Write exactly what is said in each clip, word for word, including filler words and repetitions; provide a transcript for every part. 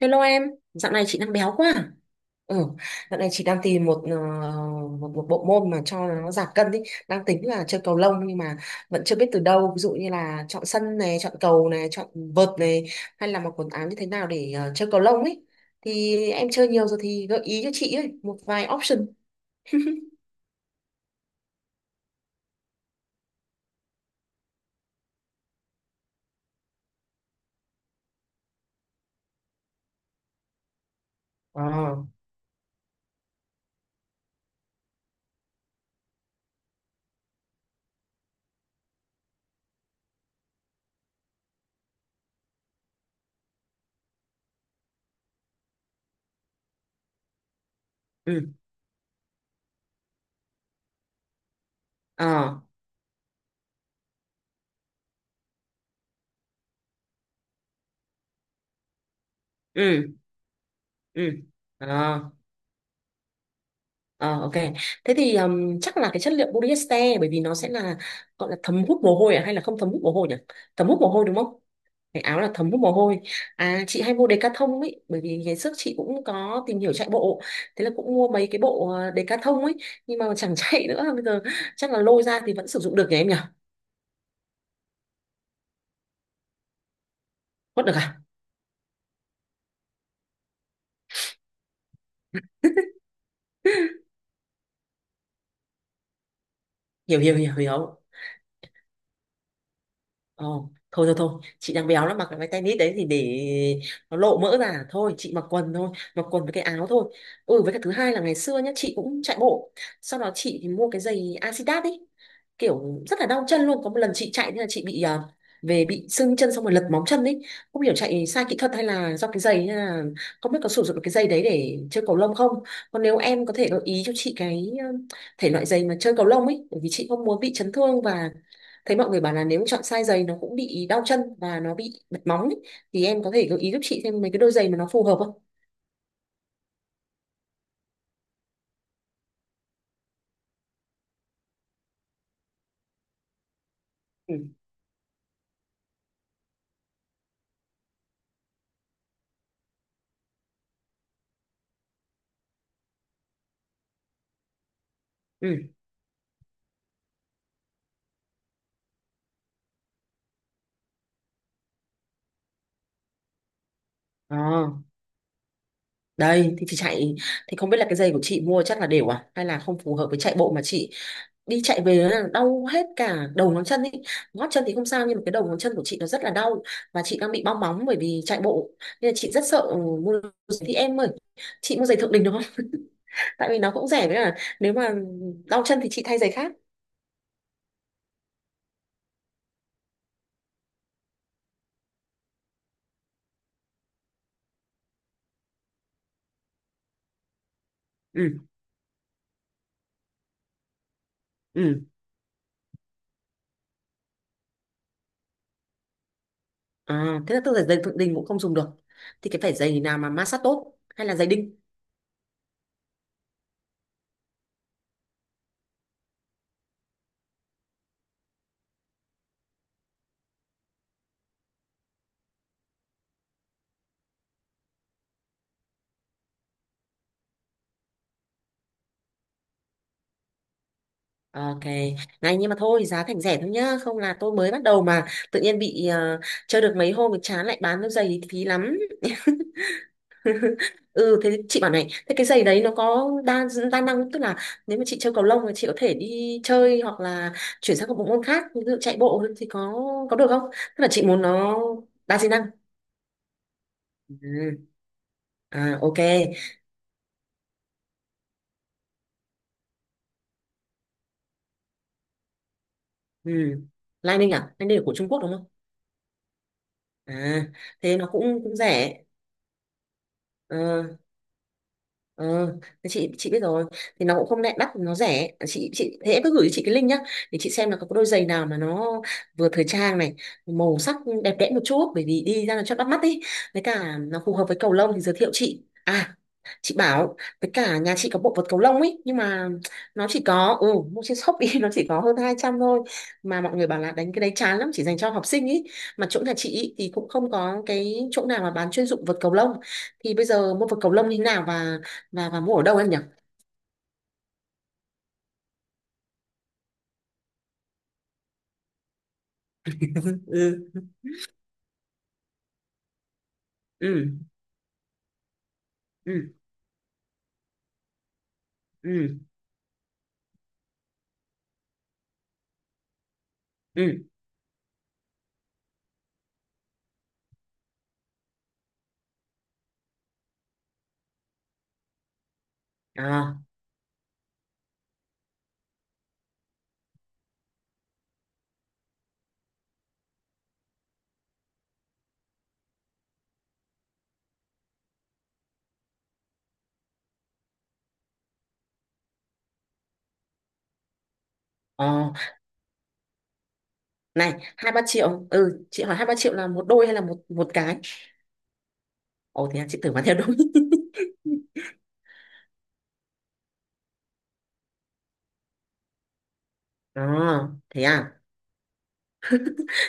Hello em, dạo này chị đang béo quá, à? Ừ, dạo này chị đang tìm một, ờ, một một bộ môn mà cho nó giảm cân đi. Đang tính là chơi cầu lông nhưng mà vẫn chưa biết từ đâu. Ví dụ như là chọn sân này, chọn cầu này, chọn vợt này, hay là mặc quần áo như thế nào để ờ, chơi cầu lông ấy. Thì em chơi nhiều rồi thì gợi ý cho chị ấy một vài option. Ờ. Ừ. Ờ. Ừ. Ừ. Ờ. Ờ, ok. Thế thì um, chắc là cái chất liệu polyester bởi vì nó sẽ là gọi là thấm hút mồ hôi, à hay là không thấm hút mồ hôi nhỉ? Thấm hút mồ hôi đúng không? Cái áo là thấm hút mồ hôi. À chị hay mua Decathlon ấy bởi vì ngày trước chị cũng có tìm hiểu chạy bộ. Thế là cũng mua mấy cái bộ ờ, Decathlon ấy nhưng mà chẳng chạy nữa, bây giờ chắc là lôi ra thì vẫn sử dụng được nhỉ em nhỉ? Vẫn được à? Hiểu hiểu hiểu hiểu. Ồ, thôi thôi thôi, chị đang béo lắm mặc cái váy tennis đấy thì để nó lộ mỡ ra à? Thôi, chị mặc quần thôi, mặc quần với cái áo thôi. Ừ, với cả thứ hai là ngày xưa nhá, chị cũng chạy bộ. Sau đó chị thì mua cái giày Adidas ấy, kiểu rất là đau chân luôn. Có một lần chị chạy thế là chị bị à, về bị sưng chân xong rồi lật móng chân ấy, không hiểu chạy sai kỹ thuật hay là do cái giày hay là không biết có sử dụng được cái giày đấy để chơi cầu lông không. Còn nếu em có thể gợi ý cho chị cái um, thể loại giày mà chơi cầu lông ấy, bởi vì chị không muốn bị chấn thương và thấy mọi người bảo là nếu chọn sai giày nó cũng bị đau chân và nó bị bật móng ấy. Thì em có thể gợi ý giúp chị thêm mấy cái đôi giày mà nó phù hợp không? Ừ. Ừ. À, đây thì chị chạy thì không biết là cái giày của chị mua chắc là đều à hay là không phù hợp với chạy bộ mà chị đi chạy về là đau hết cả đầu ngón chân ý. Gót chân thì không sao nhưng mà cái đầu ngón chân của chị nó rất là đau và chị đang bị bong móng bởi vì chạy bộ, nên là chị rất sợ ừ, mua giày. Thì em ơi, chị mua giày thượng đình được không tại vì nó cũng rẻ, với là nếu mà đau chân thì chị thay giày khác. Ừ. Ừ. À, thế là tức là giày thượng đình cũng không dùng được, thì cái phải giày nào mà ma sát tốt hay là giày đinh? Ok, này nhưng mà thôi giá thành rẻ thôi nhá, không là tôi mới bắt đầu mà tự nhiên bị ờ, chơi được mấy hôm thì chán lại bán đôi giày thì phí lắm. Ừ thế chị bảo này, thế cái giày đấy nó có đa đa năng, tức là nếu mà chị chơi cầu lông thì chị có thể đi chơi hoặc là chuyển sang một bộ môn khác ví dụ chạy bộ thì có có được không? Tức là chị muốn nó đa di năng. Ừ. À ok. Ừ. Lining à? Lining là của Trung Quốc đúng không? À thế nó cũng cũng rẻ. Ờ. Ờ, thì chị chị biết rồi, thì nó cũng không đắt, đắt nó rẻ chị chị thế cứ gửi cho chị cái link nhá, để chị xem là có đôi giày nào mà nó vừa thời trang này, màu sắc đẹp đẽ một chút bởi vì đi ra là cho bắt mắt ý, với cả nó phù hợp với cầu lông thì giới thiệu chị. À chị bảo với cả nhà chị có bộ vật cầu lông ấy nhưng mà nó chỉ có ừ mua trên Shopee, nó chỉ có hơn hai trăm thôi, mà mọi người bảo là đánh cái đấy chán lắm, chỉ dành cho học sinh ý. Mà chỗ nhà chị ý thì cũng không có cái chỗ nào mà bán chuyên dụng vật cầu lông, thì bây giờ mua vật cầu lông như thế nào và và và mua ở đâu em nhỉ? Ừ. Ừ. Ừ. Ừ. Ừ. À. Ờ. Này, hai ba triệu? Ừ chị hỏi hai ba triệu là một đôi hay là một một cái? Ồ thế à, chị tưởng bán theo đôi. À thế à,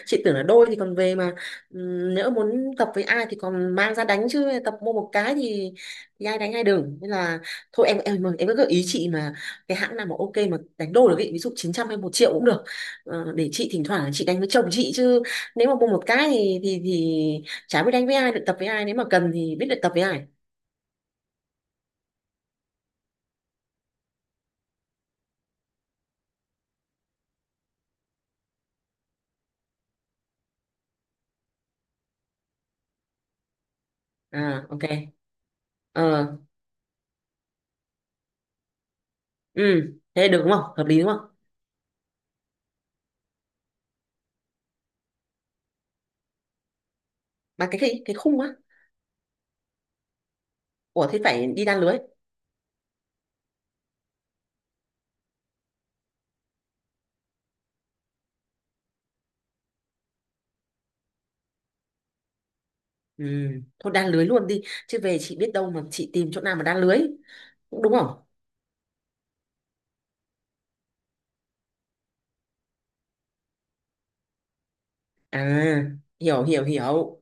chị tưởng là đôi thì còn về mà ừm, nhỡ muốn tập với ai thì còn mang ra đánh, chứ tập mua một cái thì, thì ai đánh ai, đừng. Nên là thôi em em em cứ gợi ý chị mà cái hãng nào mà ok mà đánh đôi được ý, ví dụ chín trăm hay một triệu cũng được. Ờ, để chị thỉnh thoảng chị đánh với chồng chị chứ, nếu mà mua một cái thì thì thì chả biết đánh với ai được, tập với ai, nếu mà cần thì biết được tập với ai. À ok. Ờ. Ừ thế được đúng không, hợp lý đúng không? Mà cái cái cái khung á? Ủa thế phải đi đan lưới? Ừ, thôi đan lưới luôn đi, chứ về chị biết đâu mà chị tìm chỗ nào mà đan lưới. Cũng đúng không? À, hiểu hiểu hiểu.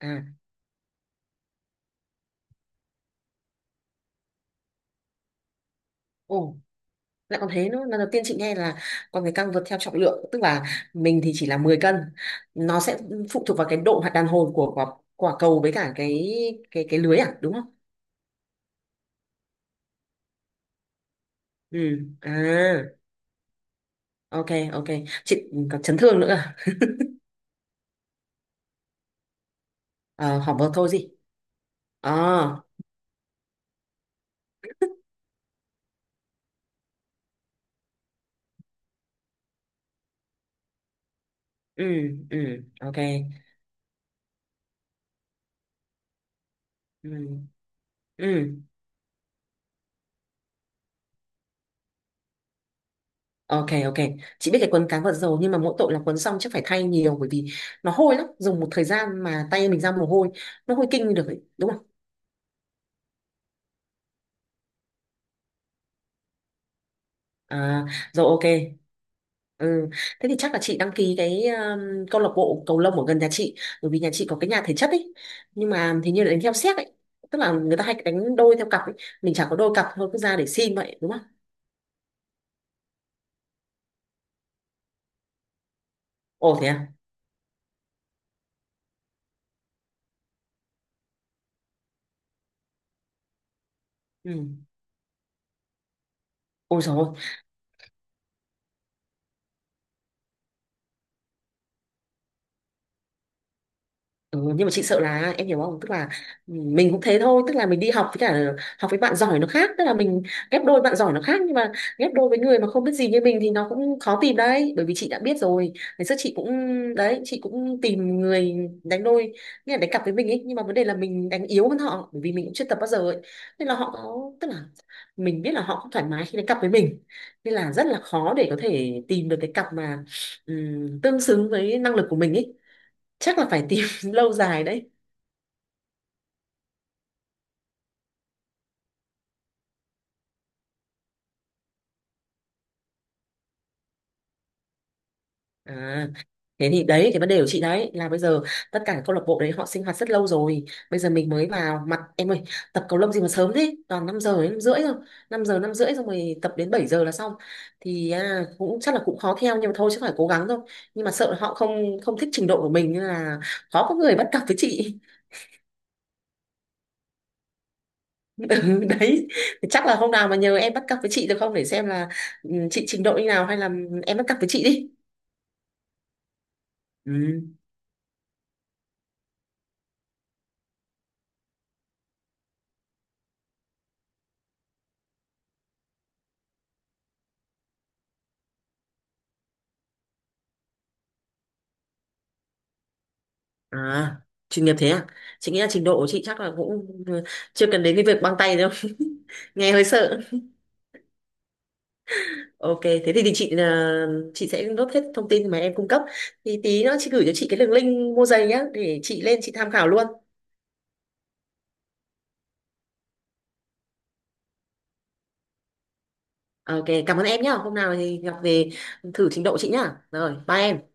À ồ, lại còn thế nữa, lần đầu tiên chị nghe là con người căng vượt theo trọng lượng, tức là mình thì chỉ là mười cân, nó sẽ phụ thuộc vào cái độ hoạt đàn hồi của quả, quả cầu với cả cái cái cái lưới à, đúng không? Ừ. À ok. Ok chị, còn chấn thương nữa à? À hỏng vào thôi gì. À. Ừ. Ừ. Ok. Ừ. Ừ. Ok ok. Chị biết cái quấn cá vào dầu, nhưng mà mỗi tội là quấn xong chắc phải thay nhiều, bởi vì nó hôi lắm. Dùng một thời gian mà tay mình ra mồ hôi, nó hôi kinh được ấy, đúng không? À, rồi ok. Ừ. Thế thì chắc là chị đăng ký cái um, câu lạc bộ cầu lông ở gần nhà chị, bởi vì nhà chị có cái nhà thể chất ấy. Nhưng mà thì như là đánh theo séc ấy, tức là người ta hay đánh đôi theo cặp ấy. Mình chả có đôi cặp, thôi cứ ra để xin vậy, đúng không? Ồ thế à. Ừ. Ôi rồi. Ừ, nhưng mà chị sợ là, em hiểu không, tức là mình cũng thế thôi, tức là mình đi học với cả học với bạn giỏi nó khác, tức là mình ghép đôi bạn giỏi nó khác, nhưng mà ghép đôi với người mà không biết gì như mình thì nó cũng khó tìm đấy, bởi vì chị đã biết rồi, ngày xưa chị cũng, đấy chị cũng tìm người đánh đôi, nghĩa là đánh cặp với mình ấy, nhưng mà vấn đề là mình đánh yếu hơn họ bởi vì mình cũng chưa tập bao giờ ấy, nên là họ có, tức là mình biết là họ không thoải mái khi đánh cặp với mình, nên là rất là khó để có thể tìm được cái cặp mà ừm, tương xứng với năng lực của mình ấy, chắc là phải tìm lâu dài đấy. À thế thì đấy cái vấn đề của chị đấy là bây giờ tất cả các câu lạc bộ đấy họ sinh hoạt rất lâu rồi, bây giờ mình mới vào mặt. Em ơi, tập cầu lông gì mà sớm thế, toàn năm giờ đến năm rưỡi rồi, năm giờ năm rưỡi xong rồi tập đến bảy giờ là xong, thì à, cũng chắc là cũng khó theo nhưng mà thôi chứ phải cố gắng thôi. Nhưng mà sợ là họ không không thích trình độ của mình nên là khó có người bắt cặp với chị. Ừ, đấy thì chắc là hôm nào mà nhờ em bắt cặp với chị được không để xem là ừ, chị trình độ như nào, hay là em bắt cặp với chị đi. Ừ. À, chuyên nghiệp thế à? Chị nghĩ là trình độ của chị chắc là cũng ừ, chưa cần đến cái việc băng tay đâu, nghe hơi sợ. Ok thế thì, thì chị là chị sẽ nốt hết thông tin mà em cung cấp, thì tí nữa chị gửi cho chị cái đường link mua giày nhá để chị lên chị tham khảo luôn. Ok cảm ơn em nhá, hôm nào thì gặp về thử trình độ chị nhá, rồi bye em.